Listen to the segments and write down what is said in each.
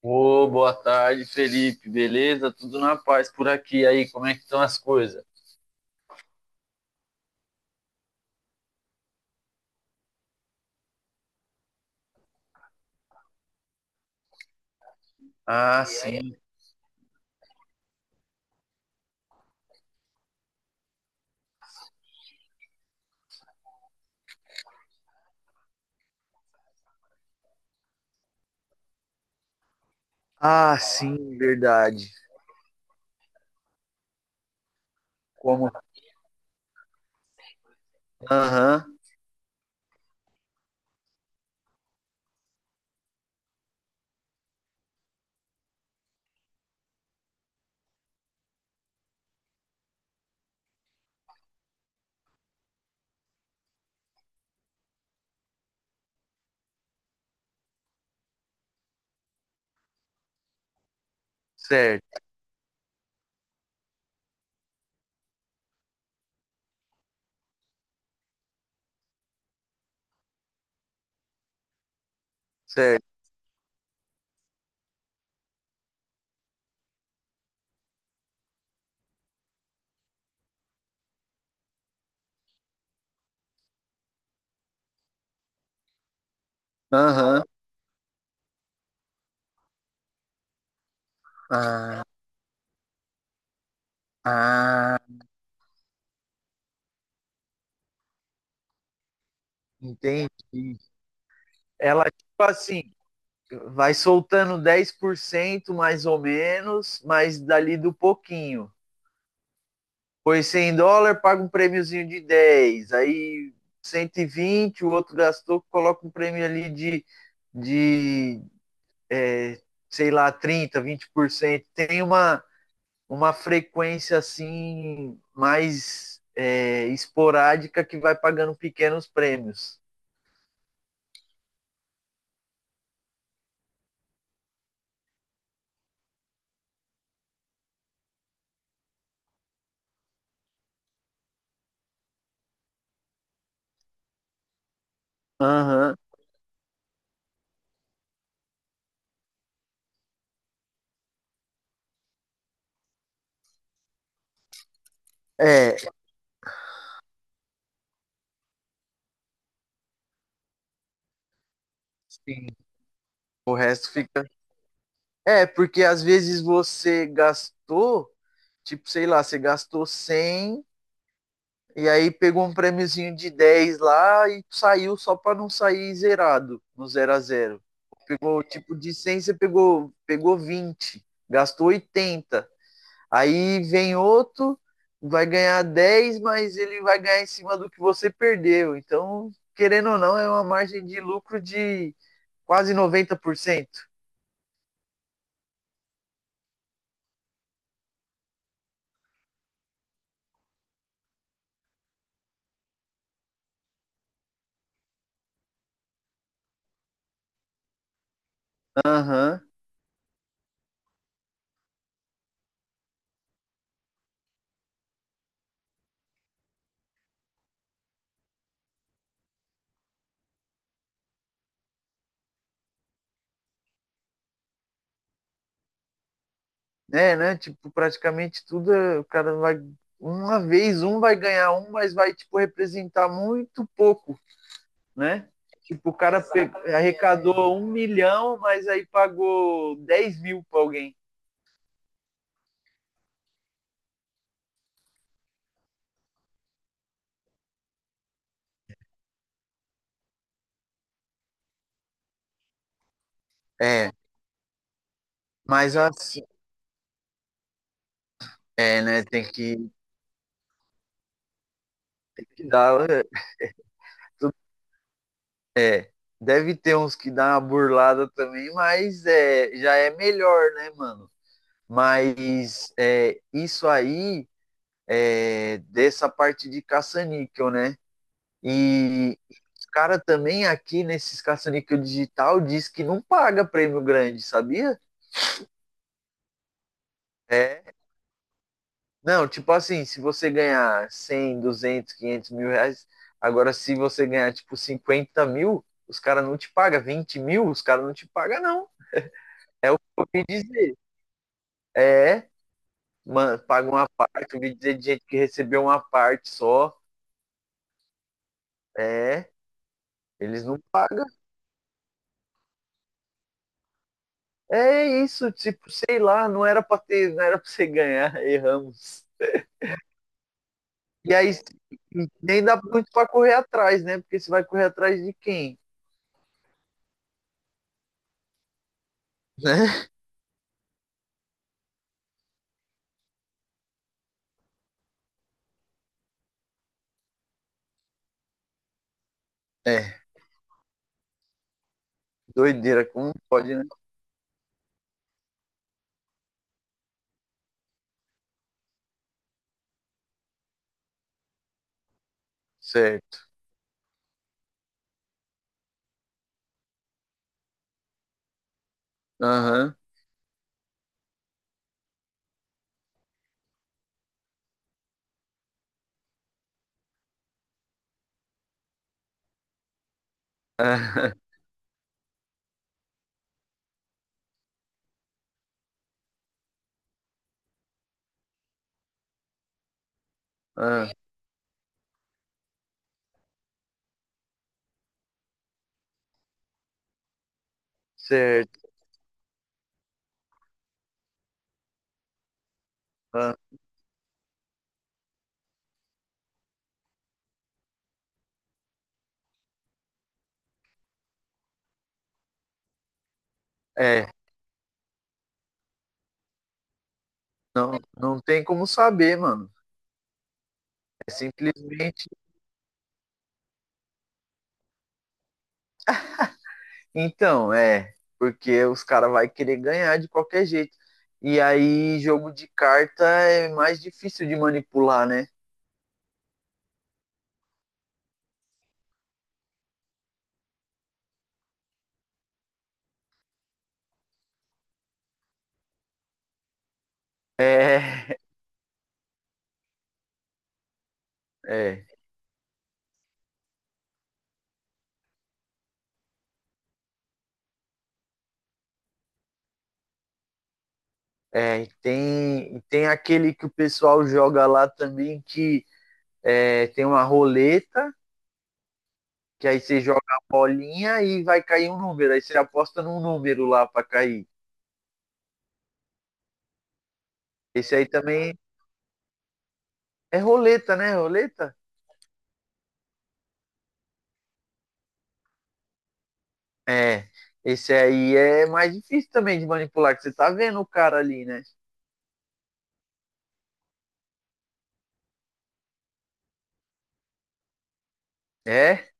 Ô, boa tarde, Felipe. Beleza? Tudo na paz por aqui. Aí, como é que estão as coisas? Ah, sim. Ah, sim, verdade. Como? Aham, certo, certo. Aham. Ah, ah, entendi. Ela, tipo assim, vai soltando 10% mais ou menos, mas dali do pouquinho. Foi 100 dólares, paga um prêmiozinho de 10. Aí 120, o outro gastou, coloca um prêmio ali de, sei lá, 30 20%, tem uma frequência assim mais é, esporádica, que vai pagando pequenos prêmios. Aham. Uhum. É, sim. O resto fica. É, porque às vezes você gastou, tipo, sei lá, você gastou 100 e aí pegou um prêmiozinho de 10 lá e saiu só para não sair zerado no zero a zero. Pegou tipo de 100 você pegou vinte, gastou oitenta. Aí vem outro, vai ganhar dez, mas ele vai ganhar em cima do que você perdeu. Então, querendo ou não, é uma margem de lucro de quase 90%. Aham. Uhum. É, né? Tipo, praticamente tudo, é, o cara vai. Uma vez um vai ganhar um, mas vai, tipo, representar muito pouco, né? Tipo, o cara pe- arrecadou 1 milhão, mas aí pagou 10 mil pra alguém. É, mas assim, é, né? Tem que dar. É, deve ter uns que dá uma burlada também, mas é, já é melhor, né, mano? Mas é, isso aí é dessa parte de caça-níquel, né? E os cara também aqui nesses caça-níquel digital diz que não paga prêmio grande, sabia? É, não, tipo assim, se você ganhar cem, duzentos, 500 mil reais, agora se você ganhar tipo 50 mil, os caras não te pagam, 20 mil, os caras não te pagam, não. É o que eu ouvi dizer. É, mano, paga uma parte. Eu vi dizer de gente que recebeu uma parte só. É, eles não pagam. É isso, tipo, sei lá, não era pra ter, não era pra você ganhar, erramos. E aí nem dá muito pra correr atrás, né? Porque você vai correr atrás de quem? Né? É, doideira, como pode, né? Certo. Aham. aham, certo. Aham. É, não, tem como saber, mano. É simplesmente. Então, é, porque os caras vai querer ganhar de qualquer jeito. E aí, jogo de carta é mais difícil de manipular, né? É, é, é. E tem aquele que o pessoal joga lá também tem uma roleta, que aí você joga a bolinha e vai cair um número. Aí você aposta num número lá pra cair. Esse aí também é roleta, né? Roleta? É. Esse aí é mais difícil também de manipular, que você tá vendo o cara ali, né? É.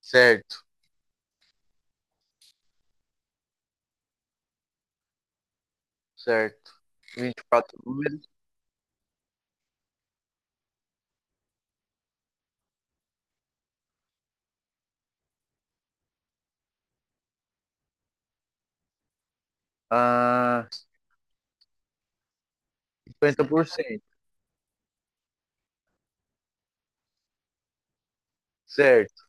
Certo, certo. 24 números. Ah, 50%. Certo.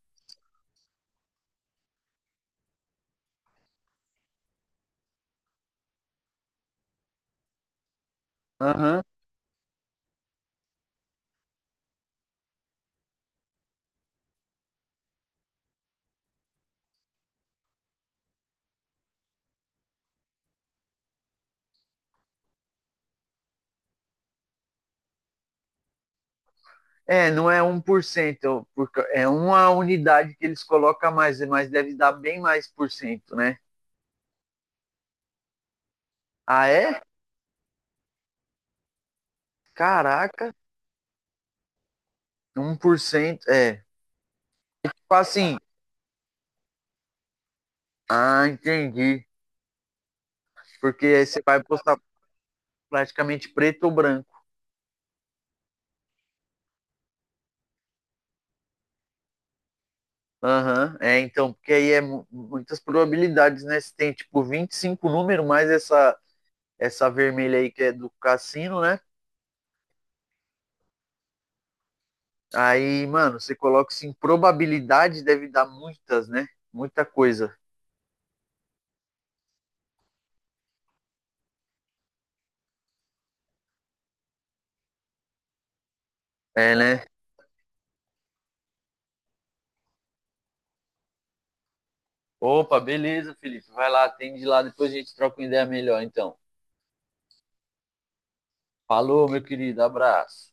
Aham. É, não é um 1%, porque é uma unidade que eles colocam a mais, mas deve dar bem mais por cento, né? Ah, é? Caraca, um por cento é. Tipo assim, ah, entendi. Porque aí você vai postar praticamente preto ou branco. Aham, é, então, porque aí é muitas probabilidades, né? Se tem tipo 25 números, mais essa, vermelha aí que é do cassino, né? Aí, mano, você coloca assim, probabilidade deve dar muitas, né? Muita coisa. É, né? Opa, beleza, Felipe. Vai lá, atende lá, depois a gente troca uma ideia melhor, então. Falou, meu querido, abraço.